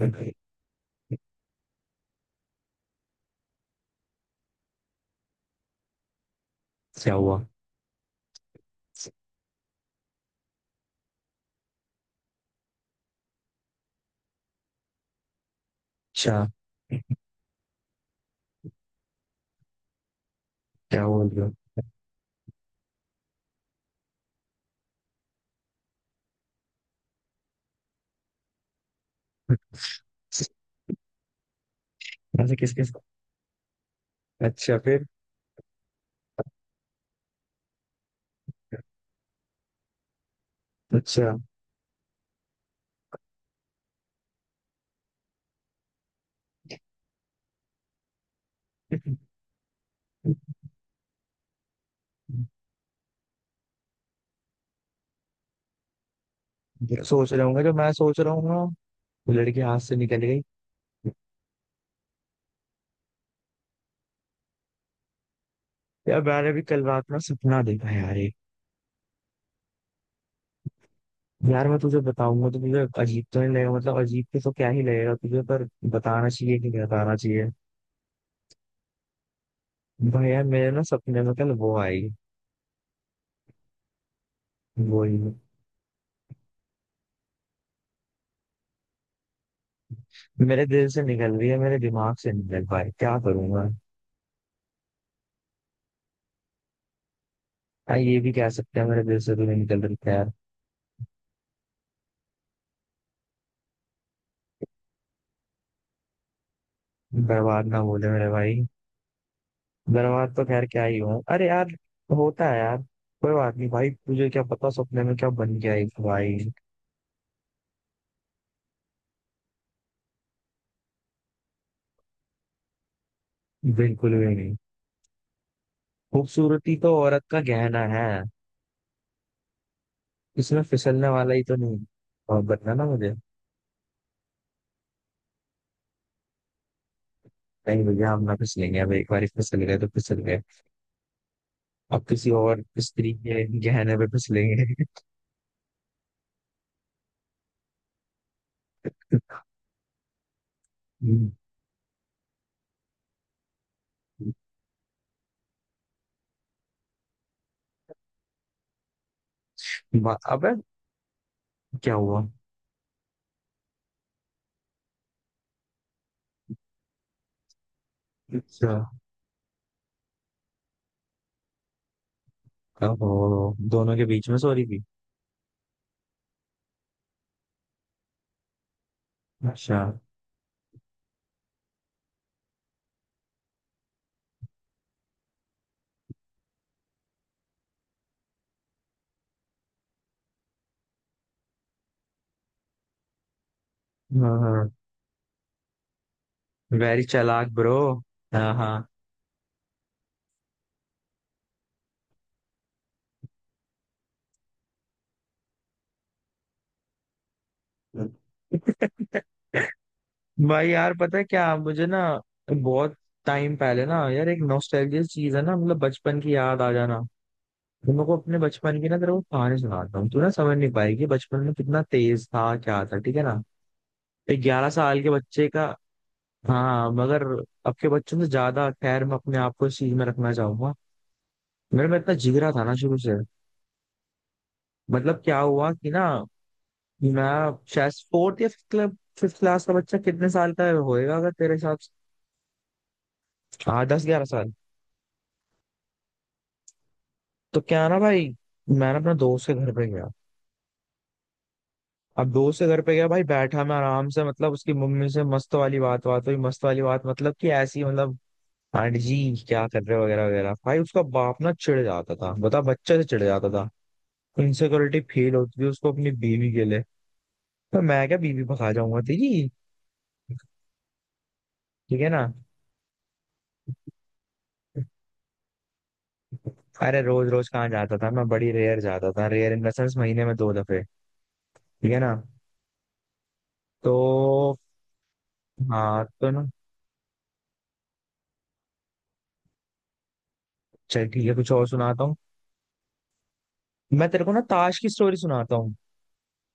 क्या हुआ? अच्छा, क्या हुआ बोलियो? ऐसे किस किस? अच्छा, फिर? अच्छा। ये सोच रहा हूँ जो मैं सोच रहा हूँ ना, वो लड़की हाथ से निकल गई। यार मैंने भी कल रात में सपना देखा यार एक। यार मैं तुझे बताऊंगा तो तुझे अजीब तो नहीं लगेगा, मतलब अजीब के तो क्या ही लगेगा तुझे, पर बताना चाहिए कि नहीं बताना चाहिए? भाई यार मेरे ना सपने में कल वो आई। वही। मेरे दिल से निकल रही है, मेरे दिमाग से निकल पाई क्या करूंगा। हाँ, ये भी कह सकते हैं, मेरे दिल से तो नहीं निकल रही है। बर्बाद ना बोले मेरे भाई। बर्बाद तो खैर क्या ही हुआ, अरे यार। होता है यार। कोई बात नहीं भाई, तुझे क्या पता सपने में क्या बन गया एक भाई। बिल्कुल भी नहीं। खूबसूरती तो औरत का गहना है। इसमें फिसलने वाला ही तो नहीं। और बताना मुझे। नहीं भैया, हम ना फिसलेंगे, अब एक बार फिसल गए तो फिसल गए। अब किसी और स्त्री के गहने पे फिसलेंगे। अबे क्या हुआ? अच्छा। ओहो, दोनों के बीच में सॉरी भी। अच्छा। हाँ हाँ। वेरी चालाक ब्रो। हाँ हाँ। भाई यार पता है क्या मुझे ना, बहुत टाइम पहले ना यार, एक नॉस्टैल्जिया चीज है ना, मतलब बचपन की याद आ जाना। तुम लोग को अपने बचपन की ना, तेरे को कहानी सुनाता हूँ, तू ना समझ नहीं पाएगी बचपन में कितना तेज था क्या था, ठीक है ना। एक 11 साल के बच्चे का। हाँ मगर अब के बच्चों से ज्यादा, खैर मैं अपने आप को इस चीज में रखना चाहूंगा। मेरे में इतना जिगरा था ना शुरू से। मतलब क्या हुआ कि ना, मैं शायद फोर्थ या फिफ्थ क्लब फिफ्थ क्लास का बच्चा कितने साल का होएगा अगर तेरे हिसाब से? हाँ 10-11 साल। तो क्या ना भाई, मैंने अपने दोस्त के घर पे गया। अब दोस्त के घर पे गया भाई, बैठा मैं आराम से, मतलब उसकी मम्मी से मस्त वाली बात बात हुई, मस्त वाली बात मतलब कि ऐसी, मतलब आंटी जी क्या कर रहे हो वगैरह वगैरह। भाई उसका बाप ना चिढ़ जाता था, बता बच्चे से चिढ़ जाता था। इनसिक्योरिटी फील होती थी उसको अपनी बीवी के लिए। तो मैं क्या बीवी भगा जाऊंगा तेरी, ठीक है ना? अरे रोज रोज कहाँ जाता था मैं, बड़ी रेयर जाता था, रेयर इन द सेंस महीने में दो दफे, ठीक है ना। तो हाँ तो ना, चल ठीक है कुछ और सुनाता हूँ। मैं तेरे को ना ताश की स्टोरी सुनाता हूँ।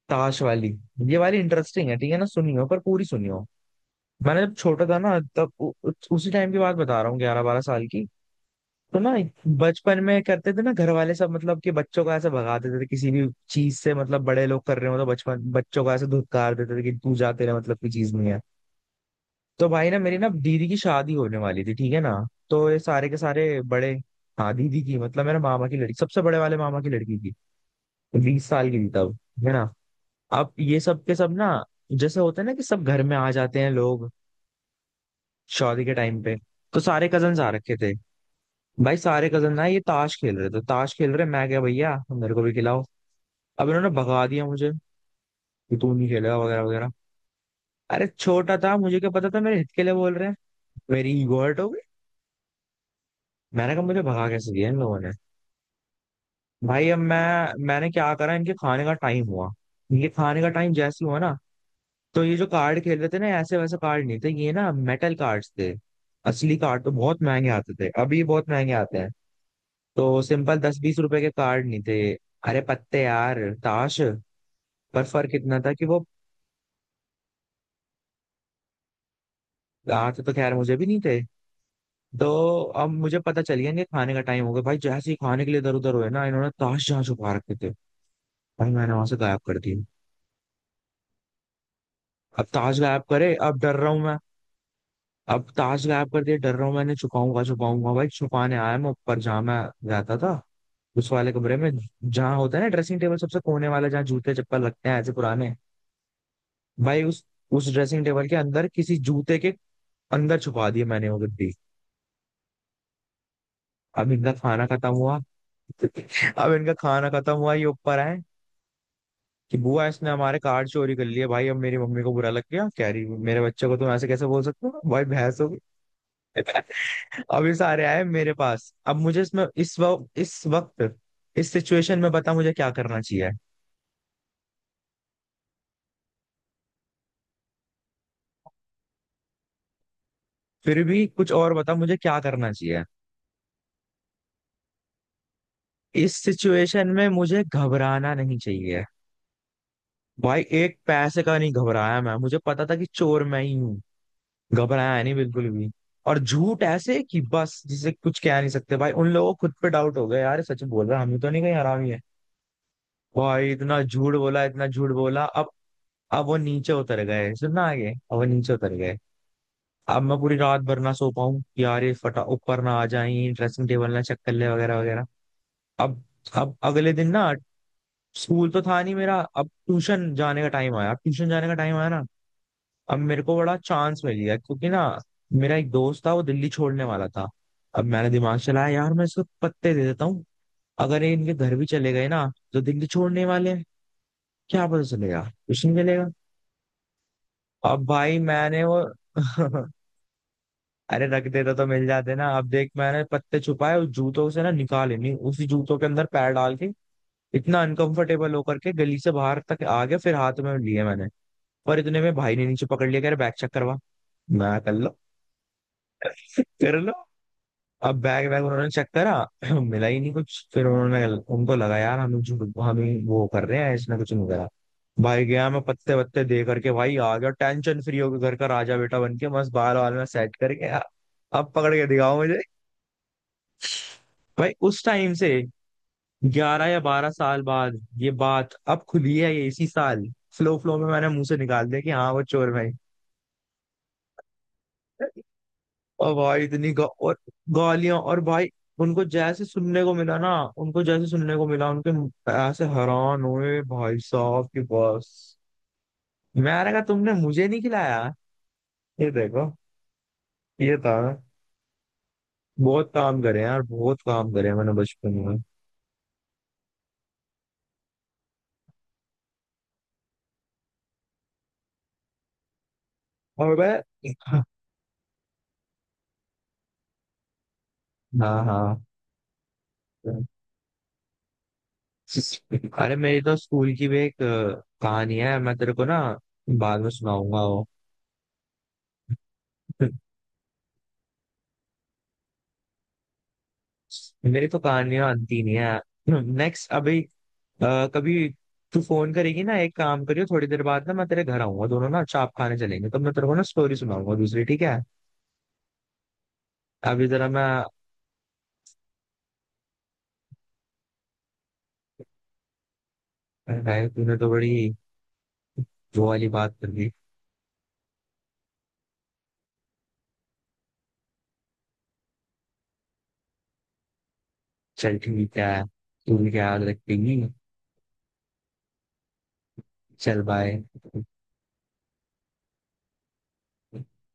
ताश वाली। ये वाली इंटरेस्टिंग है, ठीक है ना, सुनियो पर पूरी सुनियो। मैंने जब छोटा था ना, तब उ, उ, उसी टाइम की बात बता रहा हूँ, 11-12 साल की। तो ना बचपन में करते थे ना घर वाले सब, मतलब कि बच्चों को ऐसे भगा देते थे किसी भी चीज से, मतलब बड़े लोग कर रहे हो तो बचपन बच्चों को ऐसे धुतकार देते थे कि तू जाते रहे, मतलब की चीज नहीं है। तो भाई ना मेरी ना दीदी की शादी होने वाली थी, ठीक है ना। तो ये सारे के सारे बड़े। हाँ दीदी की मतलब मेरे मामा की लड़की, सबसे बड़े वाले मामा की लड़की की। तो 20 साल की थी तब, है ना। अब ये सब के सब ना, जैसे होता है ना कि सब घर में आ जाते हैं लोग, शादी के टाइम पे। तो सारे कजन आ रखे थे। भाई सारे कजन ना ये ताश खेल रहे थे, ताश खेल रहे, मैं क्या भैया मेरे को भी खिलाओ। अब इन्होंने भगा दिया मुझे कि तू नहीं खेलेगा वगैरह वगैरह। अरे छोटा था मुझे क्या पता था मेरे हित के लिए बोल रहे हैं। मेरी ईगो हर्ट हो गई। मैंने कहा मुझे भगा कैसे दिया इन लोगों ने। भाई अब मैं, मैंने क्या करा, इनके खाने का टाइम हुआ। इनके खाने का टाइम जैसे हुआ ना, तो ये जो कार्ड खेल रहे थे ना ऐसे वैसे कार्ड नहीं थे ये, ना मेटल कार्ड्स थे। असली कार्ड तो बहुत महंगे आते थे, अभी बहुत महंगे आते हैं। तो सिंपल 10-20 रुपए के कार्ड नहीं थे। अरे पत्ते यार ताश। पर फर्क इतना था कि वो, आते तो खैर मुझे भी नहीं थे। तो अब मुझे पता चल गया इनके खाने का टाइम हो गया, भाई जैसे ही खाने के लिए इधर उधर हुए ना, इन्होंने ताश जहाँ छुपा रखे थे भाई, मैंने वहां से गायब कर दी। अब ताश गायब करे, अब डर रहा हूं मैं। अब ताश गायब कर दिया, डर रहा हूँ मैंने, छुपाऊंगा छुपाऊंगा भाई, छुपाने आया मैं ऊपर जहाँ मैं रहता था, उस वाले कमरे में, जहाँ होता है ना ड्रेसिंग टेबल सबसे कोने वाला, जहाँ जूते चप्पल लगते हैं ऐसे पुराने। भाई उस ड्रेसिंग टेबल के अंदर किसी जूते के अंदर छुपा दिया मैंने वो गद्दी। अब इनका खाना खत्म हुआ। अब इनका खाना खत्म हुआ, ये ऊपर आए कि बुआ इसने हमारे कार्ड चोरी कर लिए। भाई अब मेरी मम्मी को बुरा लग गया, कह रही मेरे बच्चे को तुम ऐसे कैसे बोल सकते हो भाई भैंस। अब ये सारे आए मेरे पास। अब मुझे इसमें, इस वक्त, इस सिचुएशन में बता मुझे क्या करना चाहिए? फिर भी कुछ और बता मुझे क्या करना चाहिए? इस सिचुएशन में मुझे घबराना नहीं चाहिए। भाई एक पैसे का नहीं घबराया मैं, मुझे पता था कि चोर मैं ही हूँ। घबराया नहीं बिल्कुल भी। और झूठ ऐसे कि बस जिसे कुछ कह नहीं सकते, भाई उन लोगों को खुद पे डाउट हो गया, यार ये सच बोल रहा है, हम ही तो नहीं कहीं हरामी है। भाई इतना झूठ बोला इतना झूठ बोला। अब वो नीचे उतर गए, सुनना आगे, अब वो नीचे उतर गए। अब मैं पूरी रात भर ना सो पाऊं कि यार ये फटा ऊपर ना आ जाए, ड्रेसिंग टेबल ना चेक कर ले वगैरह वगैरह। अब अब अगले दिन ना स्कूल तो था नहीं मेरा, अब ट्यूशन जाने का टाइम आया, अब ट्यूशन जाने का टाइम आया ना। अब मेरे को बड़ा चांस मिल गया क्योंकि ना, मेरा एक दोस्त था वो दिल्ली छोड़ने वाला था। अब मैंने दिमाग चलाया यार मैं इसको पत्ते दे देता हूँ, अगर ये इनके घर भी चले गए ना तो दिल्ली छोड़ने वाले हैं, क्या पता चलेगा? ट्यूशन चलेगा। अब भाई मैंने वो अरे रख देता तो मिल जाते ना। अब देख मैंने पत्ते छुपाए, उस जूतों से ना निकाले नहीं, उसी जूतों के अंदर पैर डाल के इतना अनकंफर्टेबल होकर के गली से बाहर तक आ गया, फिर हाथ में लिए मैंने। पर इतने में भाई ने नीचे पकड़ लिया, कह रहे बैग चेक करवा, मैं कर लो कर लो। अब बैग बैग उन्होंने चेक करा। मिला ही नहीं कुछ, फिर उन्होंने, उनको लगा यार हम झूठ हमें वो कर रहे हैं, इसने कुछ नहीं करा। भाई गया मैं पत्ते वत्ते दे करके, भाई आ गया टेंशन फ्री होकर घर का राजा बेटा बन के, मस्त बाल वाल में सेट करके। अब पकड़ के दिखाओ। भाई उस टाइम से 11 या 12 साल बाद ये बात अब खुली है, ये इसी साल फ्लो फ्लो में मैंने मुंह से निकाल दिया कि हाँ वो चोर भाई। और भाई इतनी और गालियां और भाई, उनको जैसे सुनने को मिला ना उनको जैसे सुनने को मिला, उनके ऐसे हैरान हुए भाई साहब की बस। मैंने कहा तुमने मुझे नहीं खिलाया, ये देखो, ये था। बहुत काम करे हैं यार, बहुत काम करे हैं मैंने बचपन में। और भाई, हाँ हाँ। अरे मेरी तो स्कूल की भी एक कहानी है, मैं तेरे को ना बाद में सुनाऊंगा वो। मेरी तो कहानियां अंती नहीं है। नेक्स्ट अभी कभी, तू फोन करेगी ना एक काम करियो, थोड़ी देर बाद ना मैं तेरे घर आऊंगा, दोनों ना चाप खाने चलेंगे तो मैं तेरे को ना स्टोरी सुनाऊंगा दूसरी, ठीक है? अभी जरा मैं। अरे, तूने तो बड़ी वो वाली बात कर दी। चल ठीक है, तू भी क्या याद रखेगी। चल बाय।